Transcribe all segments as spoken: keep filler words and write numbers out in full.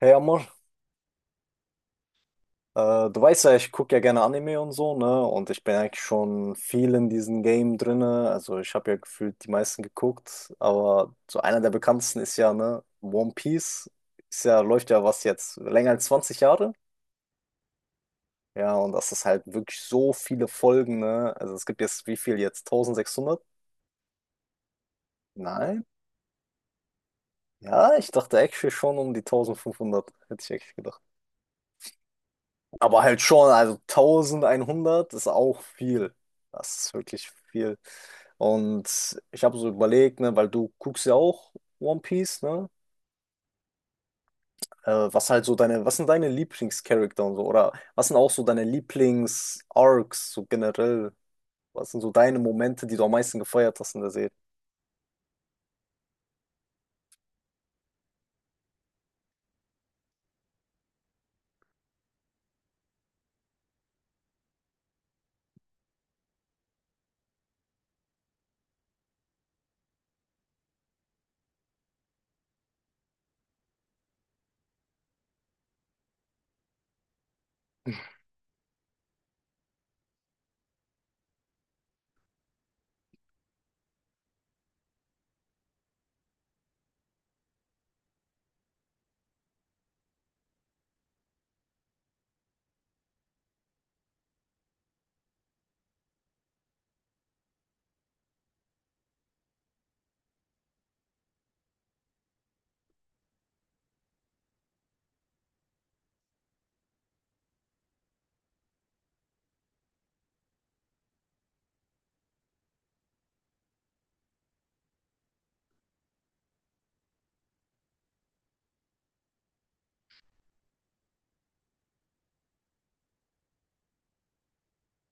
Hey Amor, äh, du weißt ja, ich gucke ja gerne Anime und so, ne? Und ich bin eigentlich schon viel in diesem Game drinne. Also ich habe ja gefühlt die meisten geguckt, aber so einer der bekanntesten ist ja, ne, One Piece. Ist ja, läuft ja was jetzt länger als zwanzig Jahre. Ja, und das ist halt wirklich so viele Folgen, ne? Also es gibt jetzt wie viel jetzt? eintausendsechshundert? Nein? Ja, ich dachte actually schon um die eintausendfünfhundert. Hätte ich eigentlich gedacht. Aber halt schon, also eintausendeinhundert ist auch viel. Das ist wirklich viel. Und ich habe so überlegt, ne, weil du guckst ja auch One Piece, ne? Äh, was halt so deine, was sind deine Lieblingscharakter und so? Oder was sind auch so deine Lieblings-Arcs, so generell? Was sind so deine Momente, die du am meisten gefeiert hast in der Serie?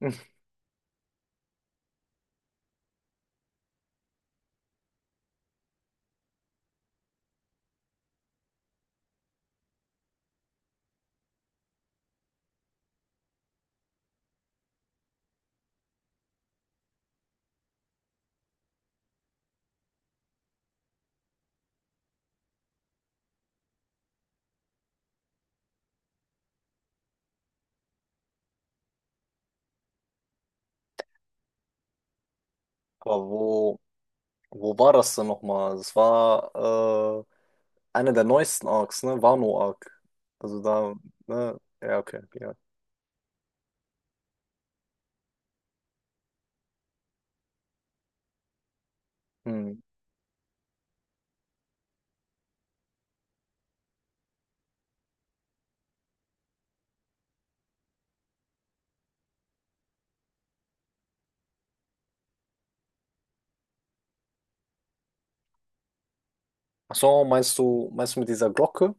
Mhm. Aber wo, wo war das denn nochmal? Das war äh, einer der neuesten Arcs, ne? Wano-Arc. Also da, ne? Ja, okay, ja. Hm. Ach so, meinst du, meinst du mit dieser Glocke?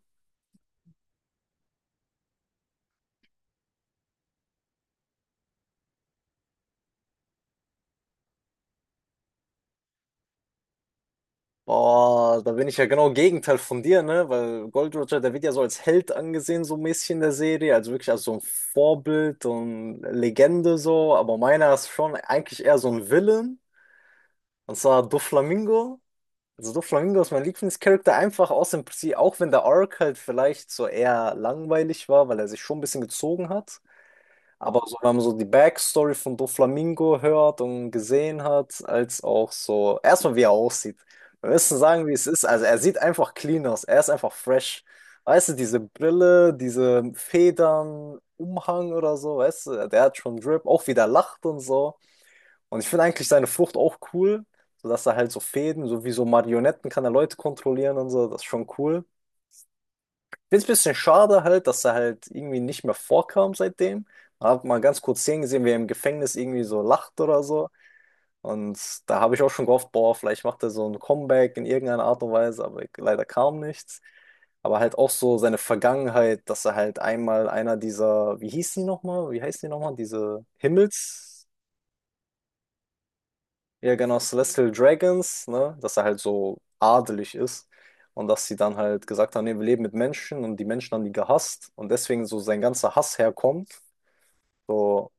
Boah, da bin ich ja genau Gegenteil von dir, ne? Weil Gold Roger, der wird ja so als Held angesehen, so mäßig in der Serie, also wirklich als so ein Vorbild und Legende so, aber meiner ist schon eigentlich eher so ein Villain, und zwar Doflamingo. Also Doflamingo ist mein Lieblingscharakter, einfach aus dem Prinzip, auch wenn der Arc halt vielleicht so eher langweilig war, weil er sich schon ein bisschen gezogen hat. Aber so, wenn man so die Backstory von Doflamingo hört und gesehen hat, als auch so, erstmal wie er aussieht. Wir müssen sagen, wie es ist. Also er sieht einfach clean aus, er ist einfach fresh. Weißt du, diese Brille, diese Federn, Umhang oder so, weißt du, der hat schon Drip, auch wie der lacht und so. Und ich finde eigentlich seine Frucht auch cool, sodass er halt so Fäden, so wie so Marionetten kann er Leute kontrollieren und so, das ist schon cool. Finde es ein bisschen schade halt, dass er halt irgendwie nicht mehr vorkam seitdem. Hab mal ganz kurz Szenen gesehen, wie er im Gefängnis irgendwie so lacht oder so. Und da habe ich auch schon gehofft, boah, vielleicht macht er so ein Comeback in irgendeiner Art und Weise, aber leider kam nichts. Aber halt auch so seine Vergangenheit, dass er halt einmal einer dieser, wie hieß die nochmal? Wie heißt die nochmal? Diese Himmels, ja, genau, Celestial Dragons, ne, dass er halt so adelig ist und dass sie dann halt gesagt haben, nee, wir leben mit Menschen und die Menschen haben die gehasst und deswegen so sein ganzer Hass herkommt. So,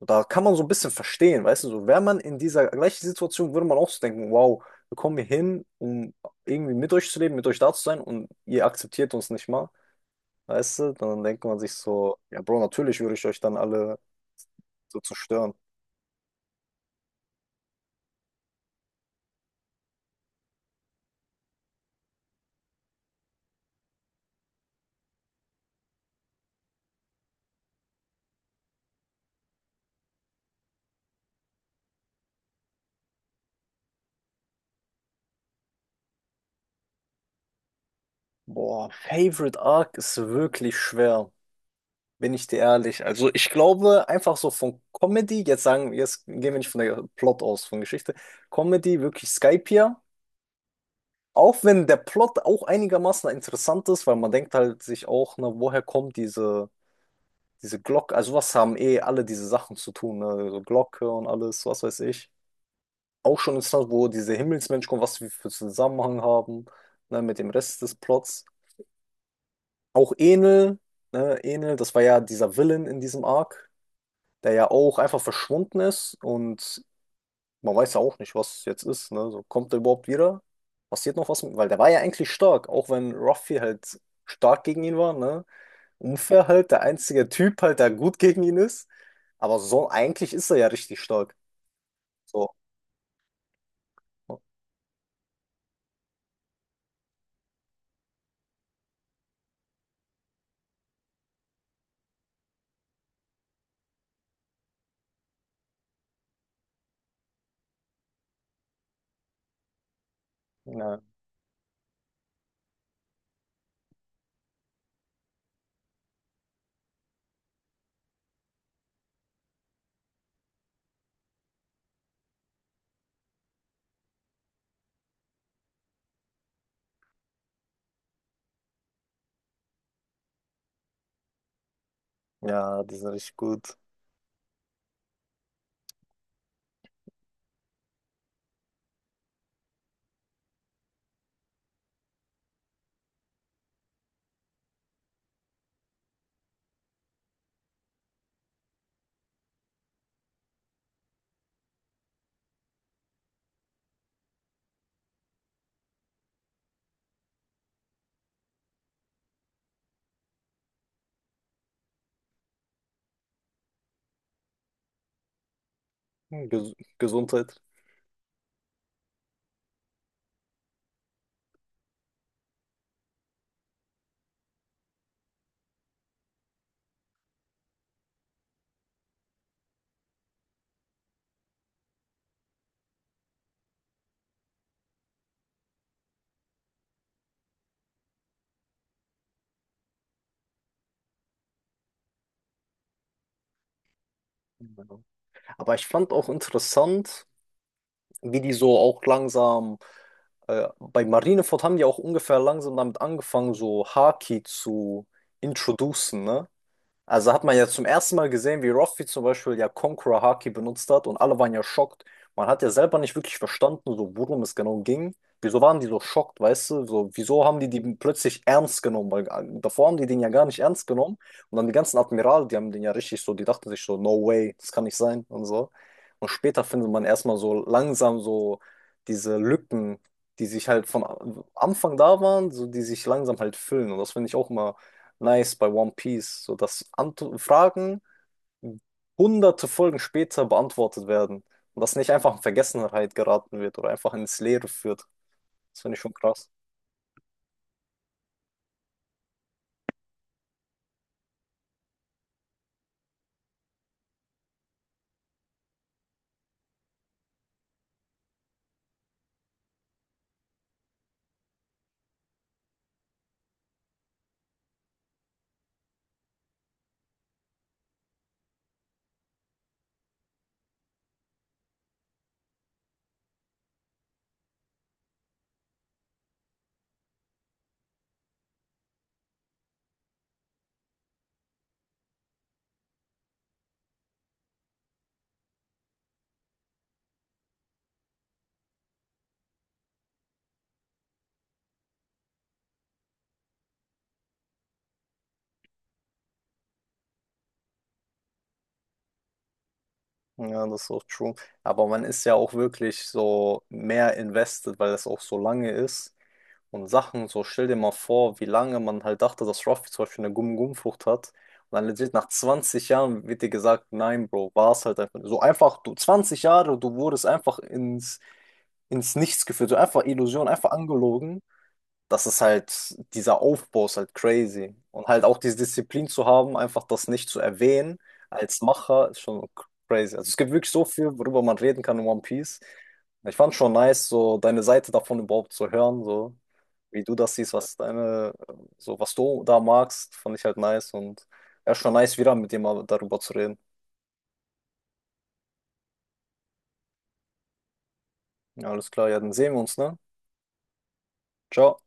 da kann man so ein bisschen verstehen, weißt du, so wäre man in dieser gleichen Situation, würde man auch so denken, wow, wir kommen hier hin, um irgendwie mit euch zu leben, mit euch da zu sein und ihr akzeptiert uns nicht mal, weißt du, dann denkt man sich so, ja, Bro, natürlich würde ich euch dann alle so zerstören. Boah, Favorite Arc ist wirklich schwer. Bin ich dir ehrlich? Also ich glaube einfach so von Comedy, jetzt sagen, jetzt gehen wir nicht von der Plot aus, von Geschichte. Comedy, wirklich Skypiea. Auch wenn der Plot auch einigermaßen interessant ist, weil man denkt halt sich auch, ne, woher kommt diese, diese Glocke? Also was haben eh alle diese Sachen zu tun, ne? So Glocke und alles, was weiß ich. Auch schon interessant, wo diese Himmelsmenschen kommen, was wir für Zusammenhang haben, ne, mit dem Rest des Plots. Auch Enel, ne, Enel, das war ja dieser Villain in diesem Arc, der ja auch einfach verschwunden ist und man weiß ja auch nicht, was jetzt ist, ne? So, kommt er überhaupt wieder? Passiert noch was mit? Weil der war ja eigentlich stark, auch wenn Ruffy halt stark gegen ihn war, ne? Unfair halt, der einzige Typ halt, der gut gegen ihn ist. Aber so, eigentlich ist er ja richtig stark. So. Ja, ja, die sind richtig gut. Ges Gesundheit. Ja. Aber ich fand auch interessant, wie die so auch langsam Äh, bei Marineford haben die auch ungefähr langsam damit angefangen, so Haki zu introducen, ne? Also hat man ja zum ersten Mal gesehen, wie Ruffy zum Beispiel ja Conqueror Haki benutzt hat und alle waren ja schockt. Man hat ja selber nicht wirklich verstanden, so worum es genau ging. Wieso waren die so schockt, weißt du? So, wieso haben die die plötzlich ernst genommen? Weil äh, davor haben die den ja gar nicht ernst genommen. Und dann die ganzen Admirale, die haben den ja richtig so, die dachten sich so, no way, das kann nicht sein und so. Und später findet man erstmal so langsam so diese Lücken, die sich halt von äh, Anfang da waren, so die sich langsam halt füllen. Und das finde ich auch immer Nice bei One Piece, so dass Ant Fragen hunderte Folgen später beantwortet werden und das nicht einfach in Vergessenheit geraten wird oder einfach ins Leere führt. Das finde ich schon krass. Ja, das ist auch true. Aber man ist ja auch wirklich so mehr invested, weil es auch so lange ist. Und Sachen, so stell dir mal vor, wie lange man halt dachte, dass Ruffy zum Beispiel eine Gum-Gum-Frucht hat. Und dann legit nach zwanzig Jahren wird dir gesagt, nein, Bro, war es halt einfach. So einfach, du zwanzig Jahre, du wurdest einfach ins ins Nichts geführt, so einfach Illusion, einfach angelogen. Das ist halt, dieser Aufbau ist halt crazy. Und halt auch diese Disziplin zu haben, einfach das nicht zu erwähnen als Macher, ist schon crazy. Also es gibt wirklich so viel, worüber man reden kann in One Piece. Ich fand schon nice, so deine Seite davon überhaupt zu hören, so wie du das siehst, was deine, so was du da magst, fand ich halt nice und ja, schon nice wieder mit dir mal darüber zu reden. Ja, alles klar, ja, dann sehen wir uns, ne? Ciao.